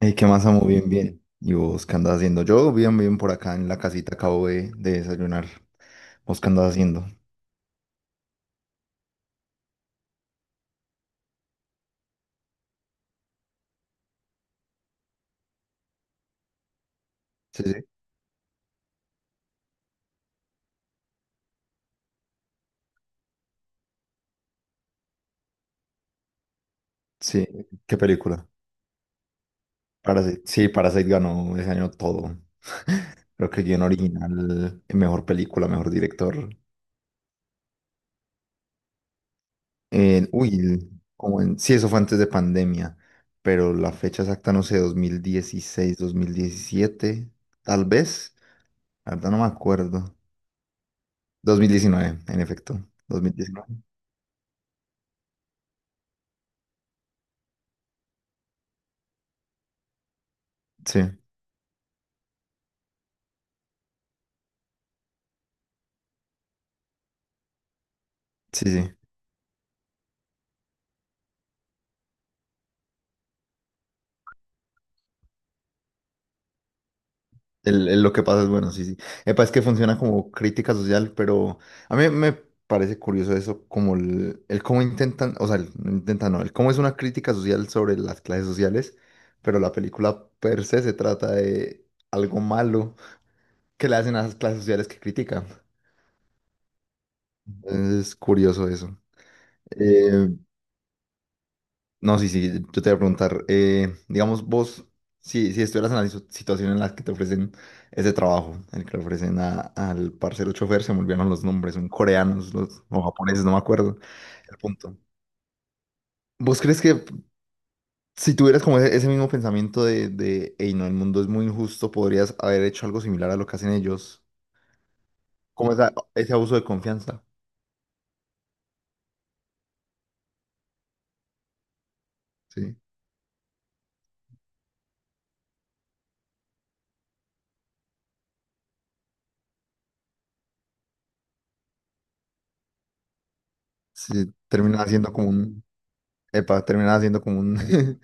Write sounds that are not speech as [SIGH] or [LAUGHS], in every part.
Hey, ¿qué más amo? Bien, bien. ¿Y vos qué andas haciendo? Yo bien, bien por acá en la casita, acabo de desayunar. ¿Vos qué andas haciendo? Sí, sí. Sí, ¿qué película? Parasite. Sí, Parasite ganó ese año todo. Creo que guión original, mejor película, mejor director. Uy, sí, eso fue antes de pandemia, pero la fecha exacta, no sé, 2016, 2017, tal vez. La verdad no me acuerdo. 2019, en efecto. 2019. Sí, sí, sí. El lo que pasa es bueno, sí, sí. Epa, es que funciona como crítica social, pero a mí me parece curioso eso, como el cómo intentan, o sea, no intentan, no, el cómo es una crítica social sobre las clases sociales, pero la película per se se trata de algo malo que le hacen a las clases sociales que critican. Es curioso eso. Eh, No, sí, sí, yo te voy a preguntar, digamos vos, si estuvieras en la situación en la que te ofrecen ese trabajo, el que le ofrecen al parcero chofer, se me olvidaron los nombres, son coreanos los, o japoneses, no me acuerdo, el punto. ¿Vos crees que si tuvieras como ese mismo pensamiento hey, no, el mundo es muy injusto, podrías haber hecho algo similar a lo que hacen ellos? Como ese abuso de confianza, ¿sí? Sí, termina siendo como un, epa, termina siendo como un… [LAUGHS]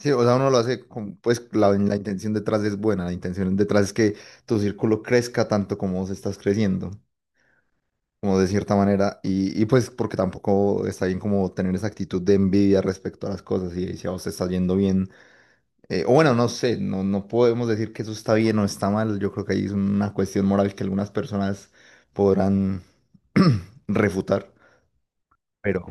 Sí, o sea, uno lo hace con, pues la intención detrás es buena, la intención detrás es que tu círculo crezca tanto como vos estás creciendo, como de cierta manera, y pues porque tampoco está bien como tener esa actitud de envidia respecto a las cosas y si a vos te está yendo bien, o bueno, no sé, no podemos decir que eso está bien o está mal, yo creo que ahí es una cuestión moral que algunas personas podrán [CLEARS THROAT] refutar, pero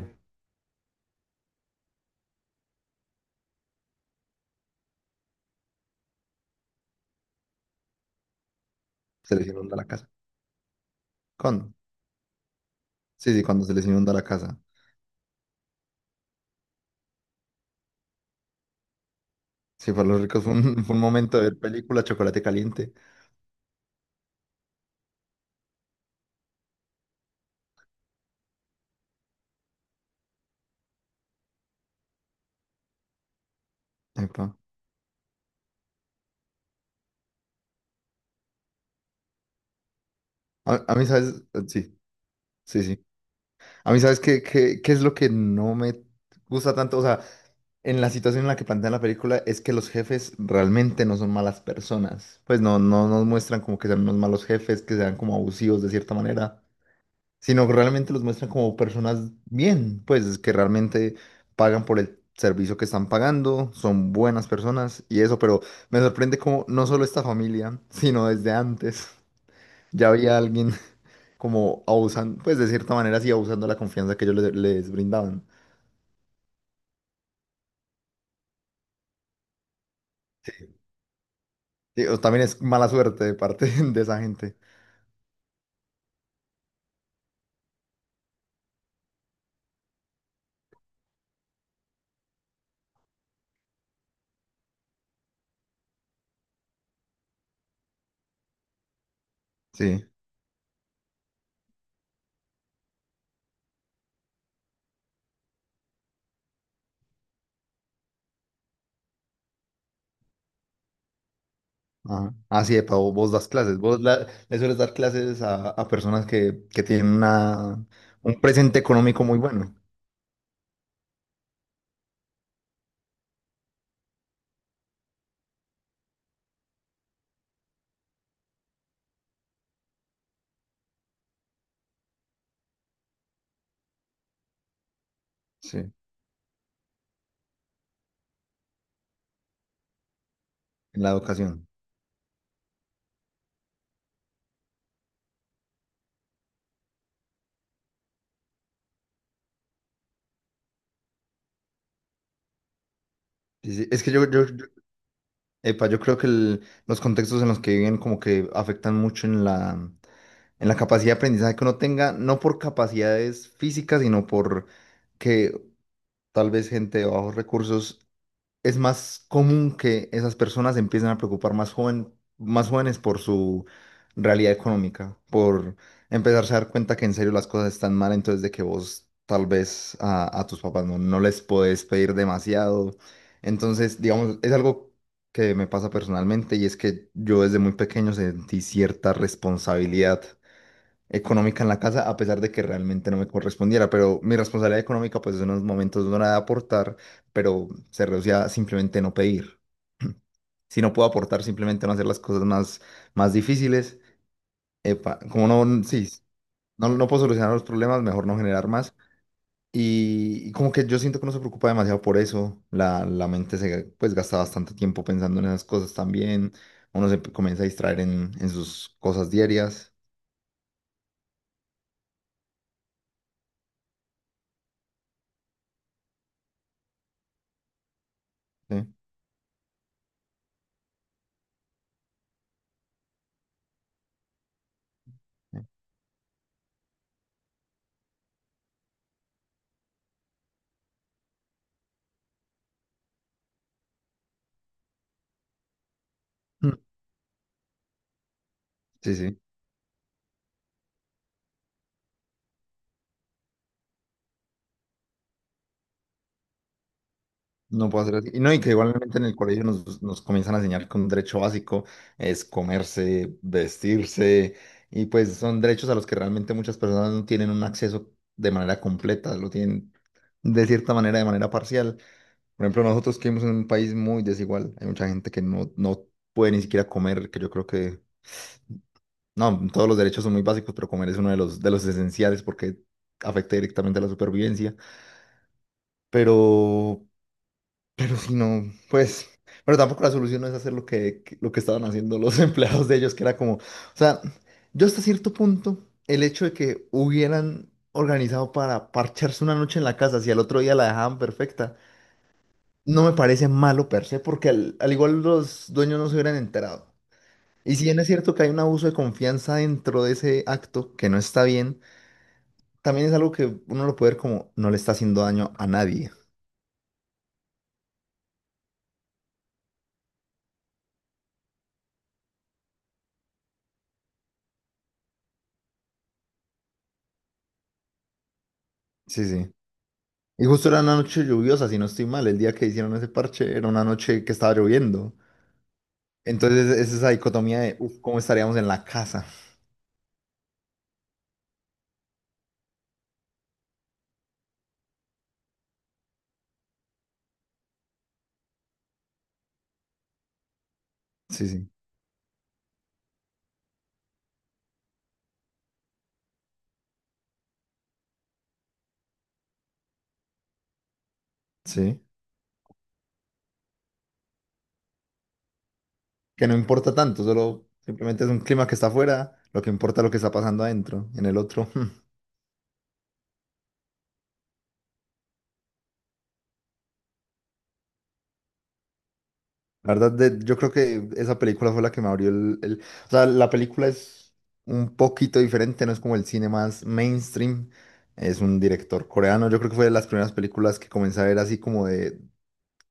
se les inunda la casa. ¿Cuándo? Sí, sí, cuando se les inunda la casa. Sí, para los ricos fue un, [LAUGHS] fue un momento de ver película, chocolate caliente. Epa. A mí, ¿sabes? Sí, sí, sí. A mí, ¿sabes qué es lo que no me gusta tanto? O sea, en la situación en la que plantean la película es que los jefes realmente no son malas personas. Pues no nos muestran como que sean unos malos jefes, que sean como abusivos de cierta manera. Sino que realmente los muestran como personas bien, pues que realmente pagan por el servicio que están pagando, son buenas personas y eso, pero me sorprende como no solo esta familia, [LAUGHS] sino desde antes ya había alguien [LAUGHS] como abusando, pues de cierta manera sí abusando de la confianza que ellos les brindaban. Sí, o también es mala suerte de parte [LAUGHS] de esa gente. Sí. Ajá. Ah, sí. Epa, vos das clases, vos le sueles dar clases a personas que tienen una, un presente económico muy bueno. Sí. En la educación. Sí, sí, es que yo, yo epa, yo creo que los contextos en los que viven como que afectan mucho en la capacidad de aprendizaje que uno tenga, no por capacidades físicas, sino por que tal vez gente de bajos recursos es más común que esas personas se empiecen a preocupar más jóvenes por su realidad económica, por empezarse a dar cuenta que en serio las cosas están mal, entonces de que vos tal vez a tus papás no les podés pedir demasiado. Entonces, digamos, es algo que me pasa personalmente y es que yo desde muy pequeño sentí cierta responsabilidad económica en la casa, a pesar de que realmente no me correspondiera, pero mi responsabilidad económica pues en unos momentos no era de aportar, pero se reducía a simplemente no pedir. Si no puedo aportar, simplemente no hacer las cosas más difíciles. Epa, como no, sí, no puedo solucionar los problemas, mejor no generar más. Y como que yo siento que no se preocupa demasiado por eso, la mente se pues gasta bastante tiempo pensando en esas cosas también, uno se comienza a distraer en sus cosas diarias. Sí, Mm. Sí, sí. No puedo hacer así. Y no, y que igualmente en el colegio nos comienzan a enseñar que un derecho básico es comerse, vestirse, y pues son derechos a los que realmente muchas personas no tienen un acceso de manera completa, lo tienen de cierta manera, de manera parcial. Por ejemplo, nosotros que vivimos en un país muy desigual, hay mucha gente que no puede ni siquiera comer, que yo creo que, no, todos los derechos son muy básicos, pero comer es uno de los, esenciales porque afecta directamente a la supervivencia. Pero Pero si no, pues, pero tampoco la solución no es hacer lo lo que estaban haciendo los [LAUGHS] empleados de ellos, que era como, o sea, yo hasta cierto punto, el hecho de que hubieran organizado para parcharse una noche en la casa, si al otro día la dejaban perfecta, no me parece malo per se, porque al igual los dueños no se hubieran enterado. Y si bien es cierto que hay un abuso de confianza dentro de ese acto, que no está bien, también es algo que uno lo puede ver como no le está haciendo daño a nadie. Sí, sí. Y justo era una noche lluviosa, si no estoy mal, el día que hicieron ese parche era una noche que estaba lloviendo. Entonces es esa dicotomía de, uff, ¿cómo estaríamos en la casa? Sí, sí, sí. Que no importa tanto, solo simplemente es un clima que está afuera, lo que importa es lo que está pasando adentro, en el otro. [LAUGHS] La verdad, yo creo que esa película fue la que me abrió o sea, la película es un poquito diferente, no es como el cine más mainstream. Es un director coreano, yo creo que fue de las primeras películas que comencé a ver así como de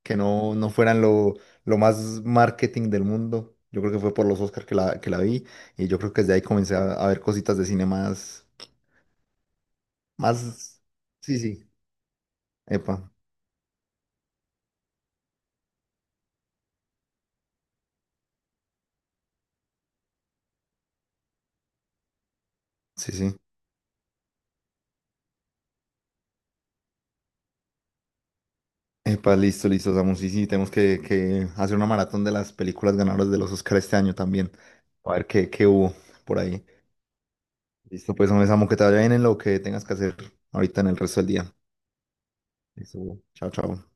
que no fueran lo, más marketing del mundo. Yo creo que fue por los Oscars que que la vi y yo creo que desde ahí comencé a ver cositas de cine más, más, sí, sí, epa, sí, sí. Epa, listo, listo, Samu, sí, sí, tenemos que hacer una maratón de las películas ganadoras de los Oscars este año también, a ver qué hubo por ahí. Listo, pues, hombre, Samu, que te vaya bien en lo que tengas que hacer ahorita en el resto del día. Listo, chao, chao.